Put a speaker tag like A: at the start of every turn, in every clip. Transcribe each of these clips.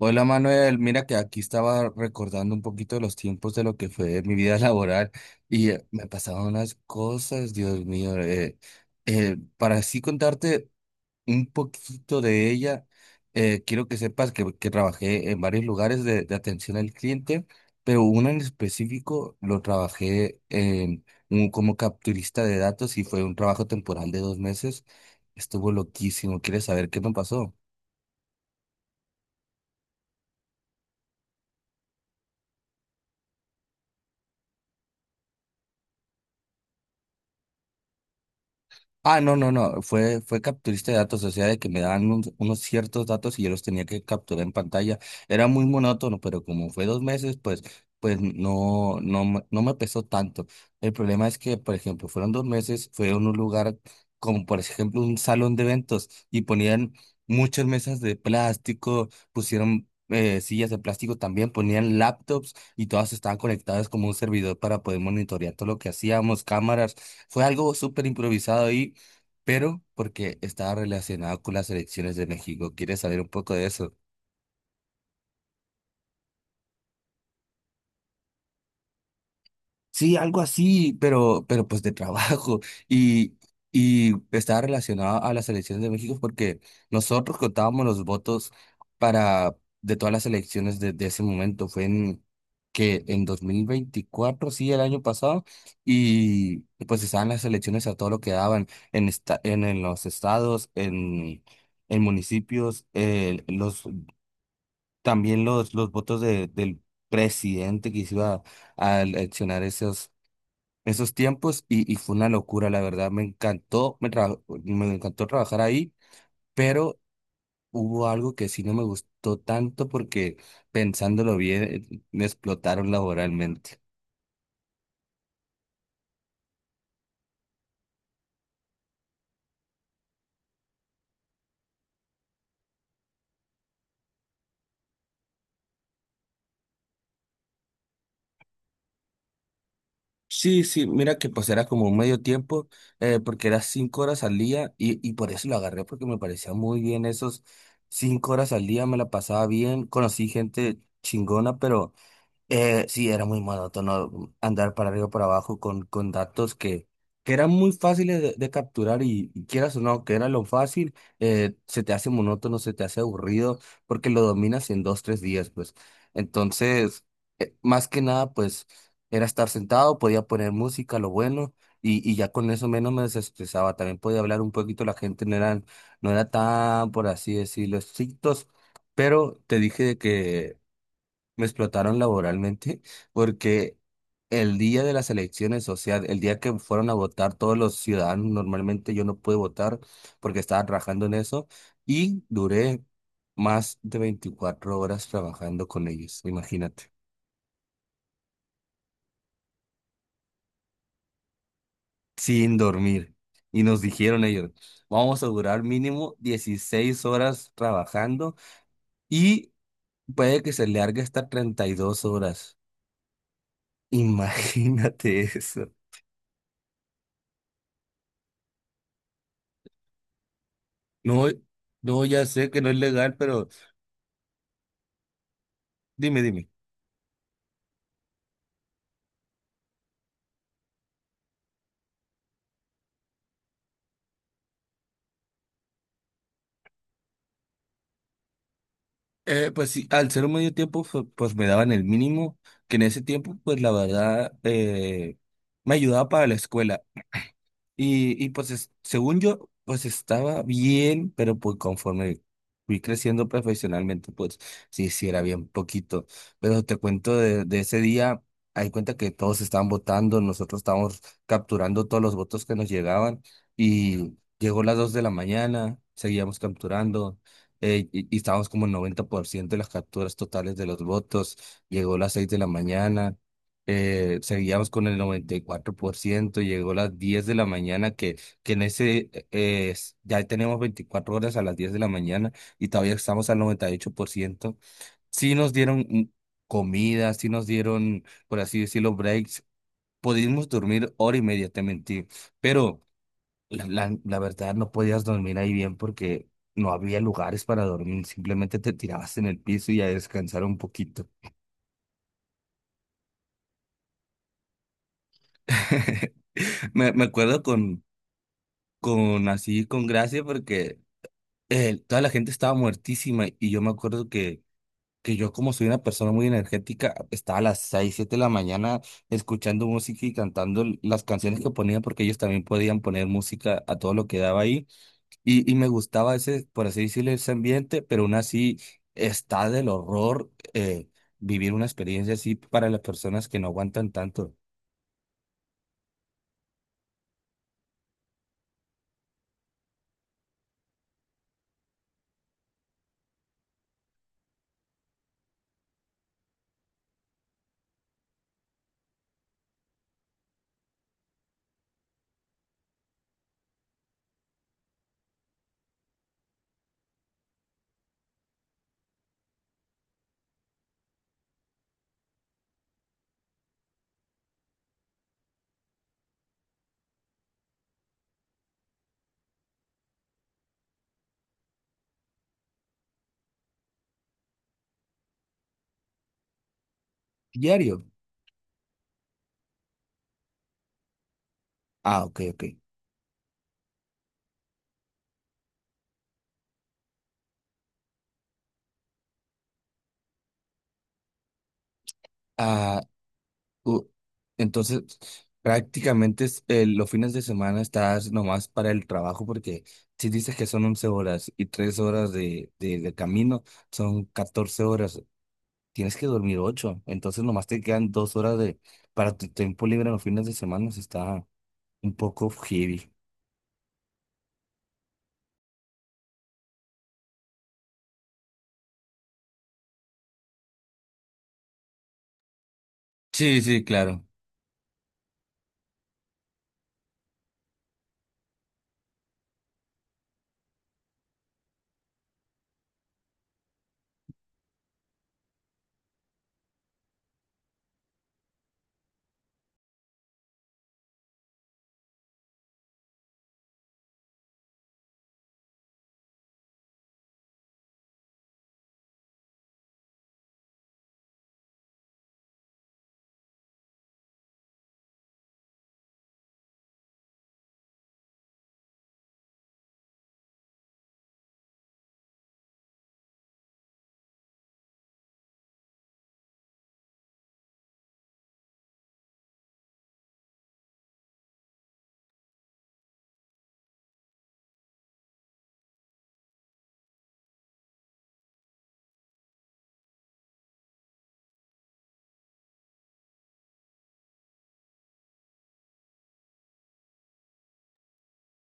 A: Hola Manuel, mira que aquí estaba recordando un poquito de los tiempos de lo que fue mi vida laboral y me pasaban unas cosas, Dios mío. Para así contarte un poquito de ella, quiero que sepas que trabajé en varios lugares de atención al cliente, pero uno en específico lo trabajé en un, como capturista de datos y fue un trabajo temporal de dos meses. Estuvo loquísimo. ¿Quieres saber qué me pasó? Ah, no, no, no, fue capturista de datos, o sea, de que me daban unos ciertos datos y yo los tenía que capturar en pantalla. Era muy monótono, pero como fue dos meses, pues, pues no me pesó tanto. El problema es que, por ejemplo, fueron dos meses, fue en un lugar como, por ejemplo, un salón de eventos y ponían muchas mesas de plástico, pusieron sillas de plástico también, ponían laptops y todas estaban conectadas como un servidor para poder monitorear todo lo que hacíamos, cámaras. Fue algo súper improvisado ahí pero porque estaba relacionado con las elecciones de México. ¿Quieres saber un poco de eso? Sí, algo así, pero pues de trabajo. Y, y estaba relacionado a las elecciones de México porque nosotros contábamos los votos para de todas las elecciones de ese momento. Fue en que en 2024, sí, el año pasado, y pues estaban las elecciones a todo lo que daban en los estados, en municipios, los también los votos del presidente que se iba a eleccionar esos, esos tiempos y fue una locura, la verdad. Me encantó, me encantó trabajar ahí, pero hubo algo que sí no me gustó tanto porque pensándolo bien, me explotaron laboralmente. Sí, sí, mira que pues era como un medio tiempo, porque era 5 horas al día y por eso lo agarré porque me parecía muy bien esos 5 horas al día, me la pasaba bien, conocí gente chingona, pero sí, era muy monótono andar para arriba y para abajo con datos que eran muy fáciles de capturar y quieras o no, que era lo fácil, se te hace monótono, se te hace aburrido, porque lo dominas en dos, tres días, pues. Entonces, más que nada, pues, era estar sentado, podía poner música, lo bueno, y ya con eso menos me desestresaba. También podía hablar un poquito, la gente no eran, no era tan, por así decirlo, estrictos, pero te dije de que me explotaron laboralmente porque el día de las elecciones, o sea, el día que fueron a votar todos los ciudadanos, normalmente yo no pude votar porque estaba trabajando en eso y duré más de 24 horas trabajando con ellos, imagínate, sin dormir. Y nos dijeron ellos, vamos a durar mínimo 16 horas trabajando y puede que se largue hasta 32 horas. Imagínate eso. No, no, ya sé que no es legal, pero dime, dime. Pues sí, al ser un medio tiempo, pues me daban el mínimo, que en ese tiempo, pues la verdad, me ayudaba para la escuela. Y pues según yo, pues estaba bien, pero pues conforme fui creciendo profesionalmente, pues sí, sí era bien poquito. Pero te cuento de ese día, hay cuenta que todos estaban votando, nosotros estábamos capturando todos los votos que nos llegaban y llegó las 2 de la mañana, seguíamos capturando. Y estábamos como en 90% de las capturas totales de los votos. Llegó las 6 de la mañana seguíamos con el 94%, llegó a las 10 de la mañana, que en ese ya tenemos 24 horas a las 10 de la mañana y todavía estamos al 98%. Sí nos dieron comida, sí nos dieron, por así decirlo, breaks. Pudimos dormir hora y media, te mentí, pero la verdad no podías dormir ahí bien porque no había lugares para dormir, simplemente te tirabas en el piso y a descansar un poquito. Me acuerdo con gracia, porque toda la gente estaba muertísima y yo me acuerdo que yo como soy una persona muy energética, estaba a las 6 7 de la mañana escuchando música y cantando las canciones que ponían, porque ellos también podían poner música a todo lo que daba ahí y me gustaba ese, por así decirlo, ese ambiente, pero aún así está del horror vivir una experiencia así para las personas que no aguantan tanto diario. Ah, ok, ok. Ah, Uh, entonces, prácticamente los fines de semana estás nomás para el trabajo porque si dices que son 11 horas y 3 horas de camino, son 14 horas. Tienes que dormir ocho, entonces nomás te quedan 2 horas de, para tu tiempo libre en los fines de semana. Sí, está un poco heavy. Sí, sí, claro.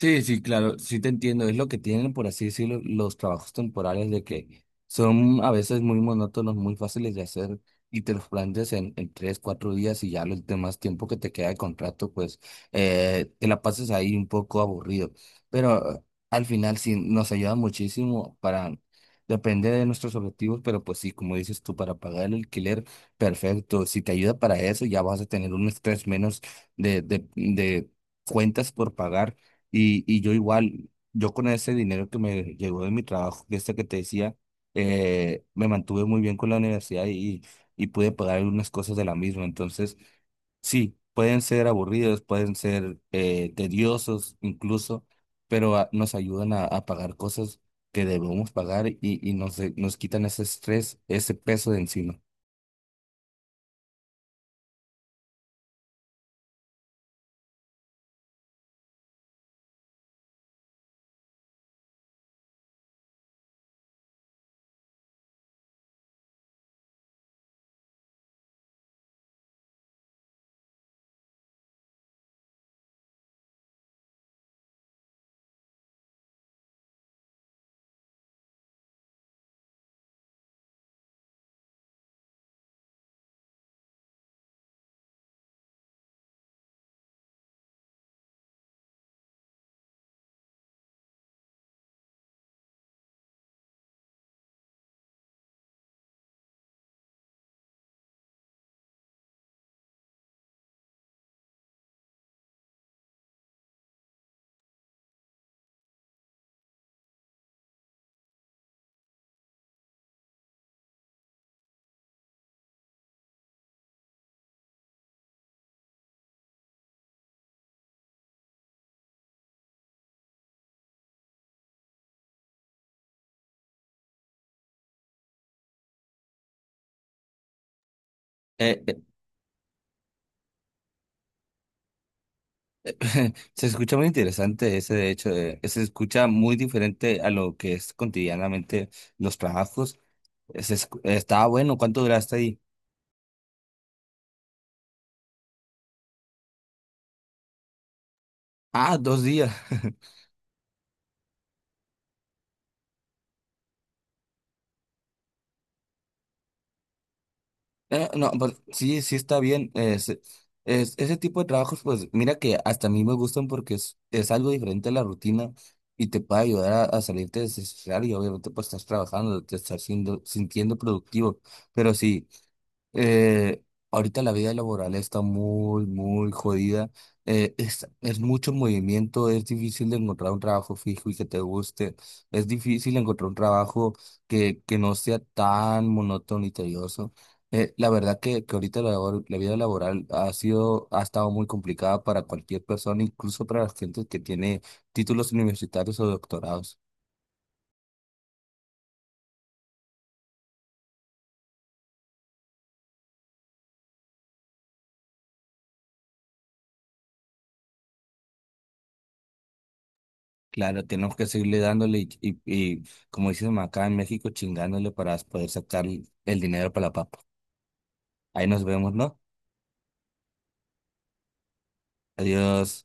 A: Sí, sí, claro, sí te entiendo. Es lo que tienen, por así decirlo, los trabajos temporales de que son a veces muy monótonos, muy fáciles de hacer y te los planteas en tres, cuatro días y ya los demás tiempo que te queda de contrato, pues te la pasas ahí un poco aburrido. Pero al final sí nos ayuda muchísimo para, depende de nuestros objetivos, pero pues sí, como dices tú, para pagar el alquiler, perfecto. Si te ayuda para eso, ya vas a tener un estrés menos de cuentas por pagar y yo igual, yo con ese dinero que me llegó de mi trabajo, que este que te decía, me mantuve muy bien con la universidad y pude pagar algunas cosas de la misma. Entonces, sí, pueden ser aburridos, pueden ser tediosos incluso, pero ah, nos ayudan a pagar cosas que debemos pagar nos quitan ese estrés, ese peso de encima. Eh, Se escucha muy interesante ese, de hecho, se escucha muy diferente a lo que es cotidianamente los trabajos. Está bueno, ¿cuánto duraste ahí? Ah, dos días. No, pues sí, sí está bien. Ese tipo de trabajos, pues mira que hasta a mí me gustan porque es algo diferente a la rutina y te puede ayudar a salirte de ese y obviamente pues estás trabajando, sintiendo productivo. Pero sí. Eh, Ahorita la vida laboral está muy, muy jodida. Es mucho movimiento, es difícil de encontrar un trabajo fijo y que te guste. Es difícil encontrar un trabajo que no sea tan monótono y tedioso. La verdad que ahorita la vida laboral ha sido, ha estado muy complicada para cualquier persona, incluso para la gente que tiene títulos universitarios o doctorados. Claro, tenemos que seguirle dándole y, como dicen acá en México, chingándole para poder sacar el dinero para la papa. Ahí nos vemos, ¿no? Adiós.